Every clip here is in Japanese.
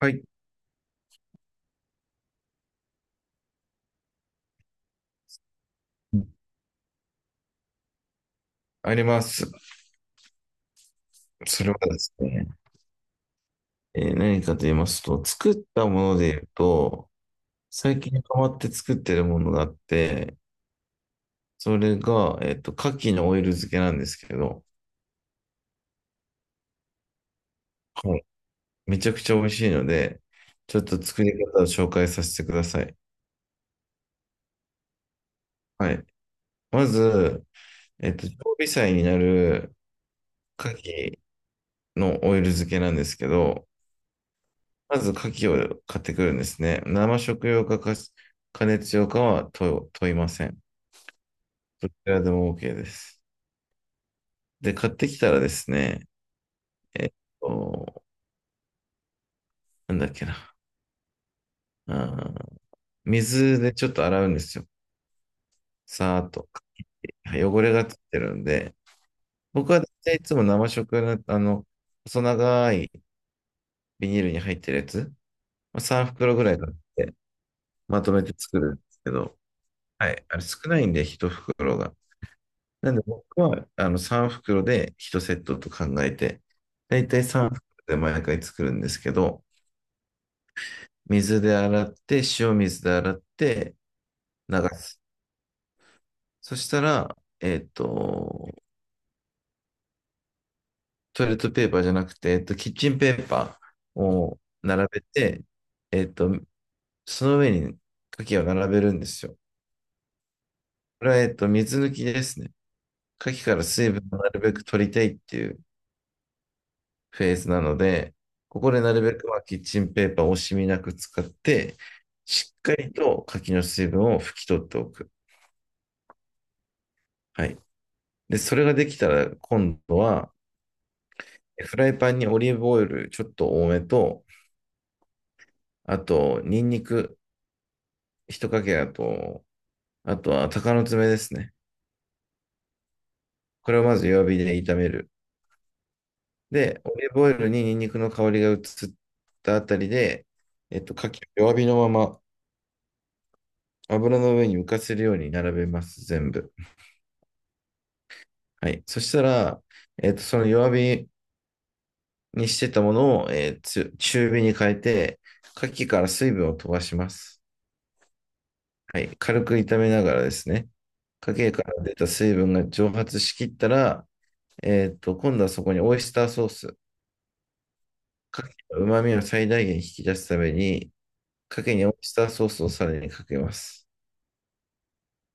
はい、あります。それはですね、何かと言いますと、作ったもので言うと、最近変わって作ってるものがあって、それが、牡蠣のオイル漬けなんですけど、はい、めちゃくちゃ美味しいので、ちょっと作り方を紹介させてください。はい。まず、常備菜になる牡蠣のオイル漬けなんですけど、まず牡蠣を買ってくるんですね。生食用か、加熱用かは問いません。どちらでも OK です。で、買ってきたらですね、えっと、なんだっけな。あー水でちょっと洗うんですよ。さーっと。汚れがついてるんで、僕は大体いつも生食用の、細長いビニールに入ってるやつ、まあ3袋ぐらい買って、まとめて作るんですけど、はい、あれ少ないんで、1袋が。なんで僕はあの3袋で1セットと考えて、だいたい3袋で毎回作るんですけど、水で洗って、塩水で洗って流す。そしたら、トイレットペーパーじゃなくて、キッチンペーパーを並べて、えっと、その上に牡蠣を並べるんですよ。これは、水抜きですね。牡蠣から水分をなるべく取りたいっていうフェーズなので、ここでなるべくまあキッチンペーパーを惜しみなく使って、しっかりと柿の水分を拭き取っておく。はい。で、それができたら今度は、フライパンにオリーブオイルちょっと多めと、あと、ニンニク一かけだと、あとは鷹の爪ですね。これをまず弱火で炒める。で、オリーブオイルにニンニクの香りが移ったあたりで、牡蠣を弱火のまま油の上に浮かせるように並べます、全部。はい。そしたら、その弱火にしてたものを、えーつ中火に変えて、牡蠣から水分を飛ばします。はい。軽く炒めながらですね、牡蠣から出た水分が蒸発しきったら、今度はそこにオイスターソース、牡蠣の旨味を最大限引き出すために、牡蠣にオイスターソースをさらにかけます。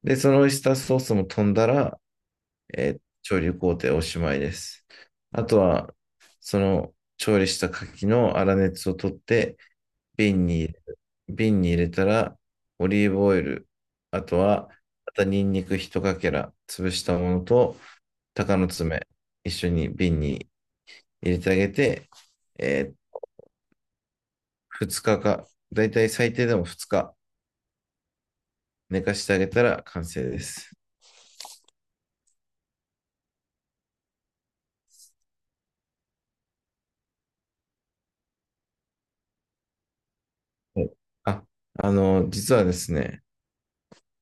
で、そのオイスターソースも飛んだら、調理工程おしまいです。あとは、その調理した牡蠣の粗熱を取って、瓶に入瓶に入れたら、オリーブオイル、あとは、またニンニク一かけら、潰したものと、鷹の爪、一緒に瓶に入れてあげて、え2日かか、だいたい最低でも2日寝かしてあげたら完成です。はい。あ、実はですね、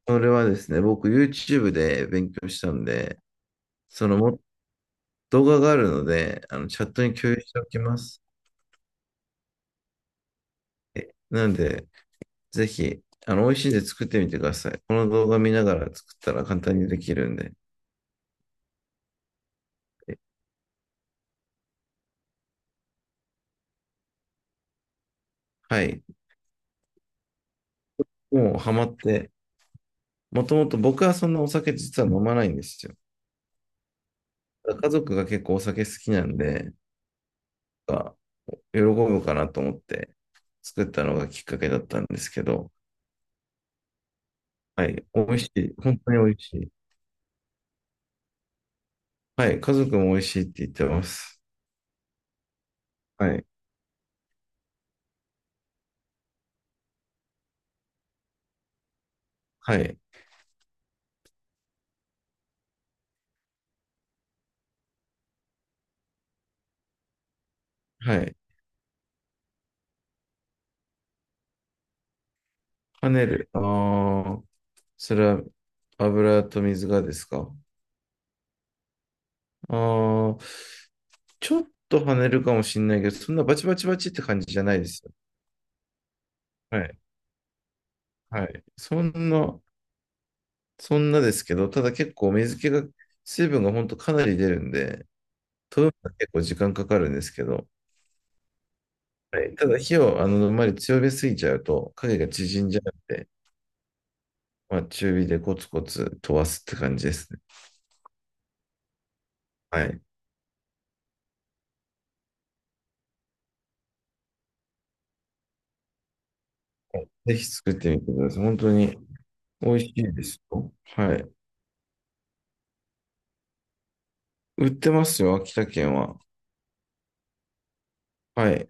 それはですね、僕 YouTube で勉強したんで、そのも動画があるので、あのチャットに共有しておきます。なんで、ぜひ、美味しいんで作ってみてください。この動画見ながら作ったら簡単にできるんで。えはい。もうハマって、もともと僕はそんなお酒実は飲まないんですよ。家族が結構お酒好きなんで、あ喜ぶかなと思って作ったのがきっかけだったんですけど、はい。美味しい。本当に美味しい。はい。家族も美味しいって言ってます。はい。はい。はい。跳ねる。ああ、それは油と水がですか？ああ、ちょっと跳ねるかもしれないけど、そんなバチバチバチって感じじゃないですよ。はい。はい。そんなですけど、ただ結構水気が、水分が本当かなり出るんで、飛ぶのが結構時間かかるんですけど、はい。ただ火をあまり強めすぎちゃうと、影が縮んじゃうんで、まあ中火でコツコツ飛ばすって感じですね。はい。ぜひ作ってみてください。本当に美味しいですよ。はい。売ってますよ、秋田県は。はい。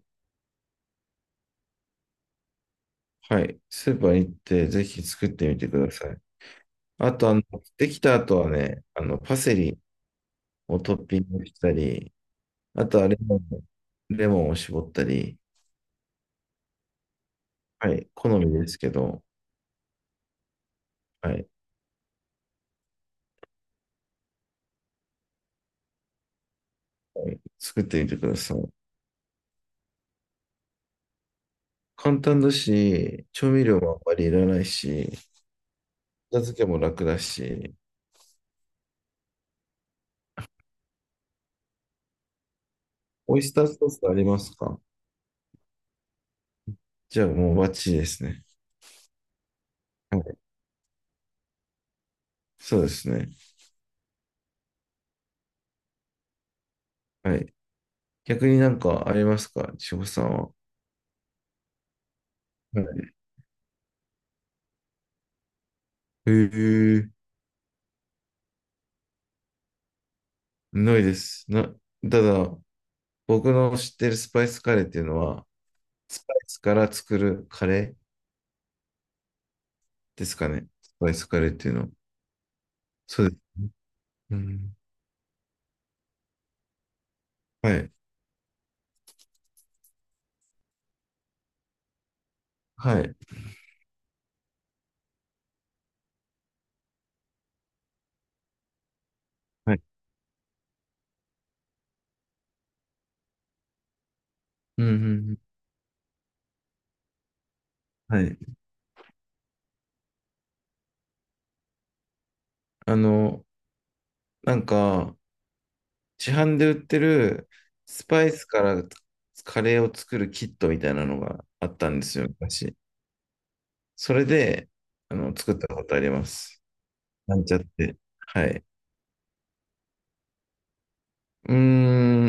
はい。スーパー行って、ぜひ作ってみてください。あと、できた後はね、パセリをトッピングしたり、あとはレモンを絞ったり、はい。好みですけど、はい。はい、作ってみてください。簡単だし、調味料もあんまりいらないし、片付けも楽だし、オイスターソースありますか？じゃあもうバッチリですね。はい。そうですね。はい。逆になんかありますか？千穂さんは。はい。へえ、ないです。ただ、僕の知ってるスパイスカレーっていうのは、スパイスから作るカレーですかね。スパイスカレーっていうのは。そうです。うん。はい。はい。はい。うんうんうん。はい。あの、なんか、市販で売ってるスパイスからカレーを作るキットみたいなのがあったんですよ、昔。それで、作ったことあります。なんちゃって。はい。うー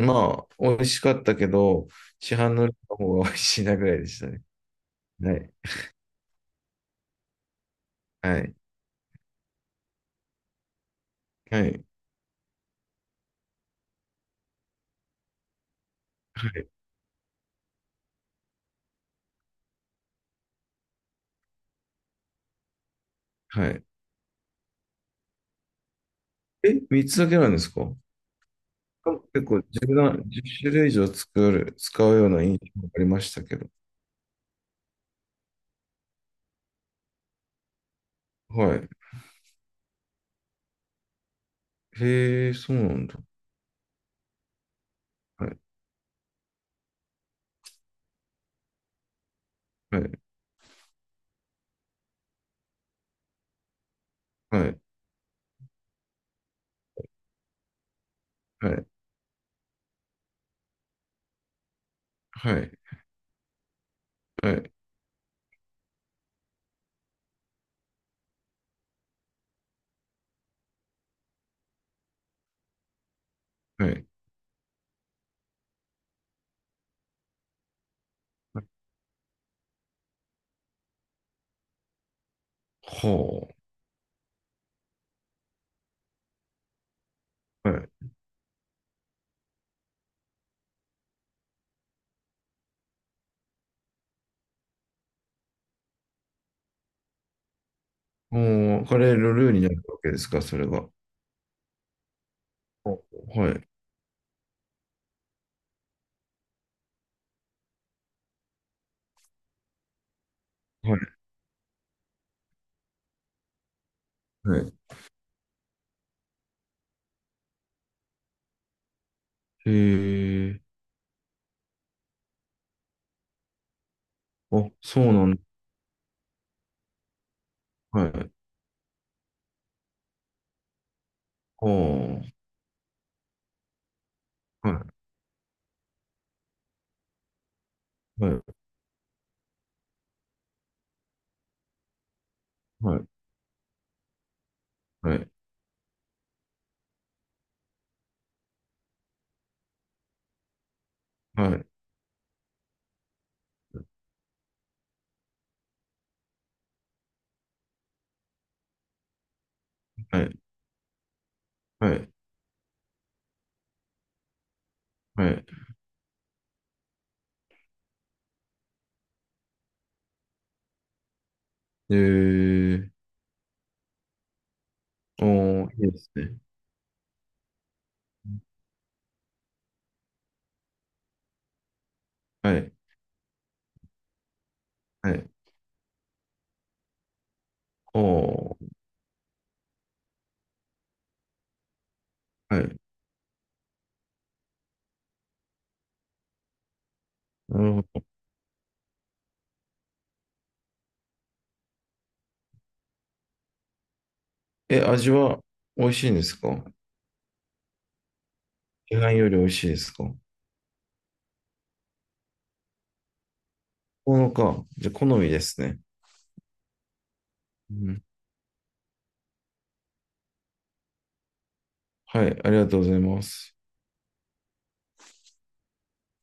ん、まあ、美味しかったけど、市販の方が美味しいなぐらいでしたね。はい。はい。はい。はい。はい。3つだけなんですか？結構10な、1種類以上作る、使うような印象がありましたけど。はい。へえ、そうなんだ。はい。はい。はい。はい。はい。はい。はい。はあ。はい。もう、カレーのルーになるわけですか、それが。はい。はい。はい。へえ。あ、そうなんだ。はい。ああ。はい。はい。はい。はい。はい。はい。はい。はい。へえー。ああ、いいですね。はい。はい。ああ。はい。なるほど。味は美味しいんですか？市販より美味しいですかものか。じゃあ、好みですね。うん。はい。ありがとうございます。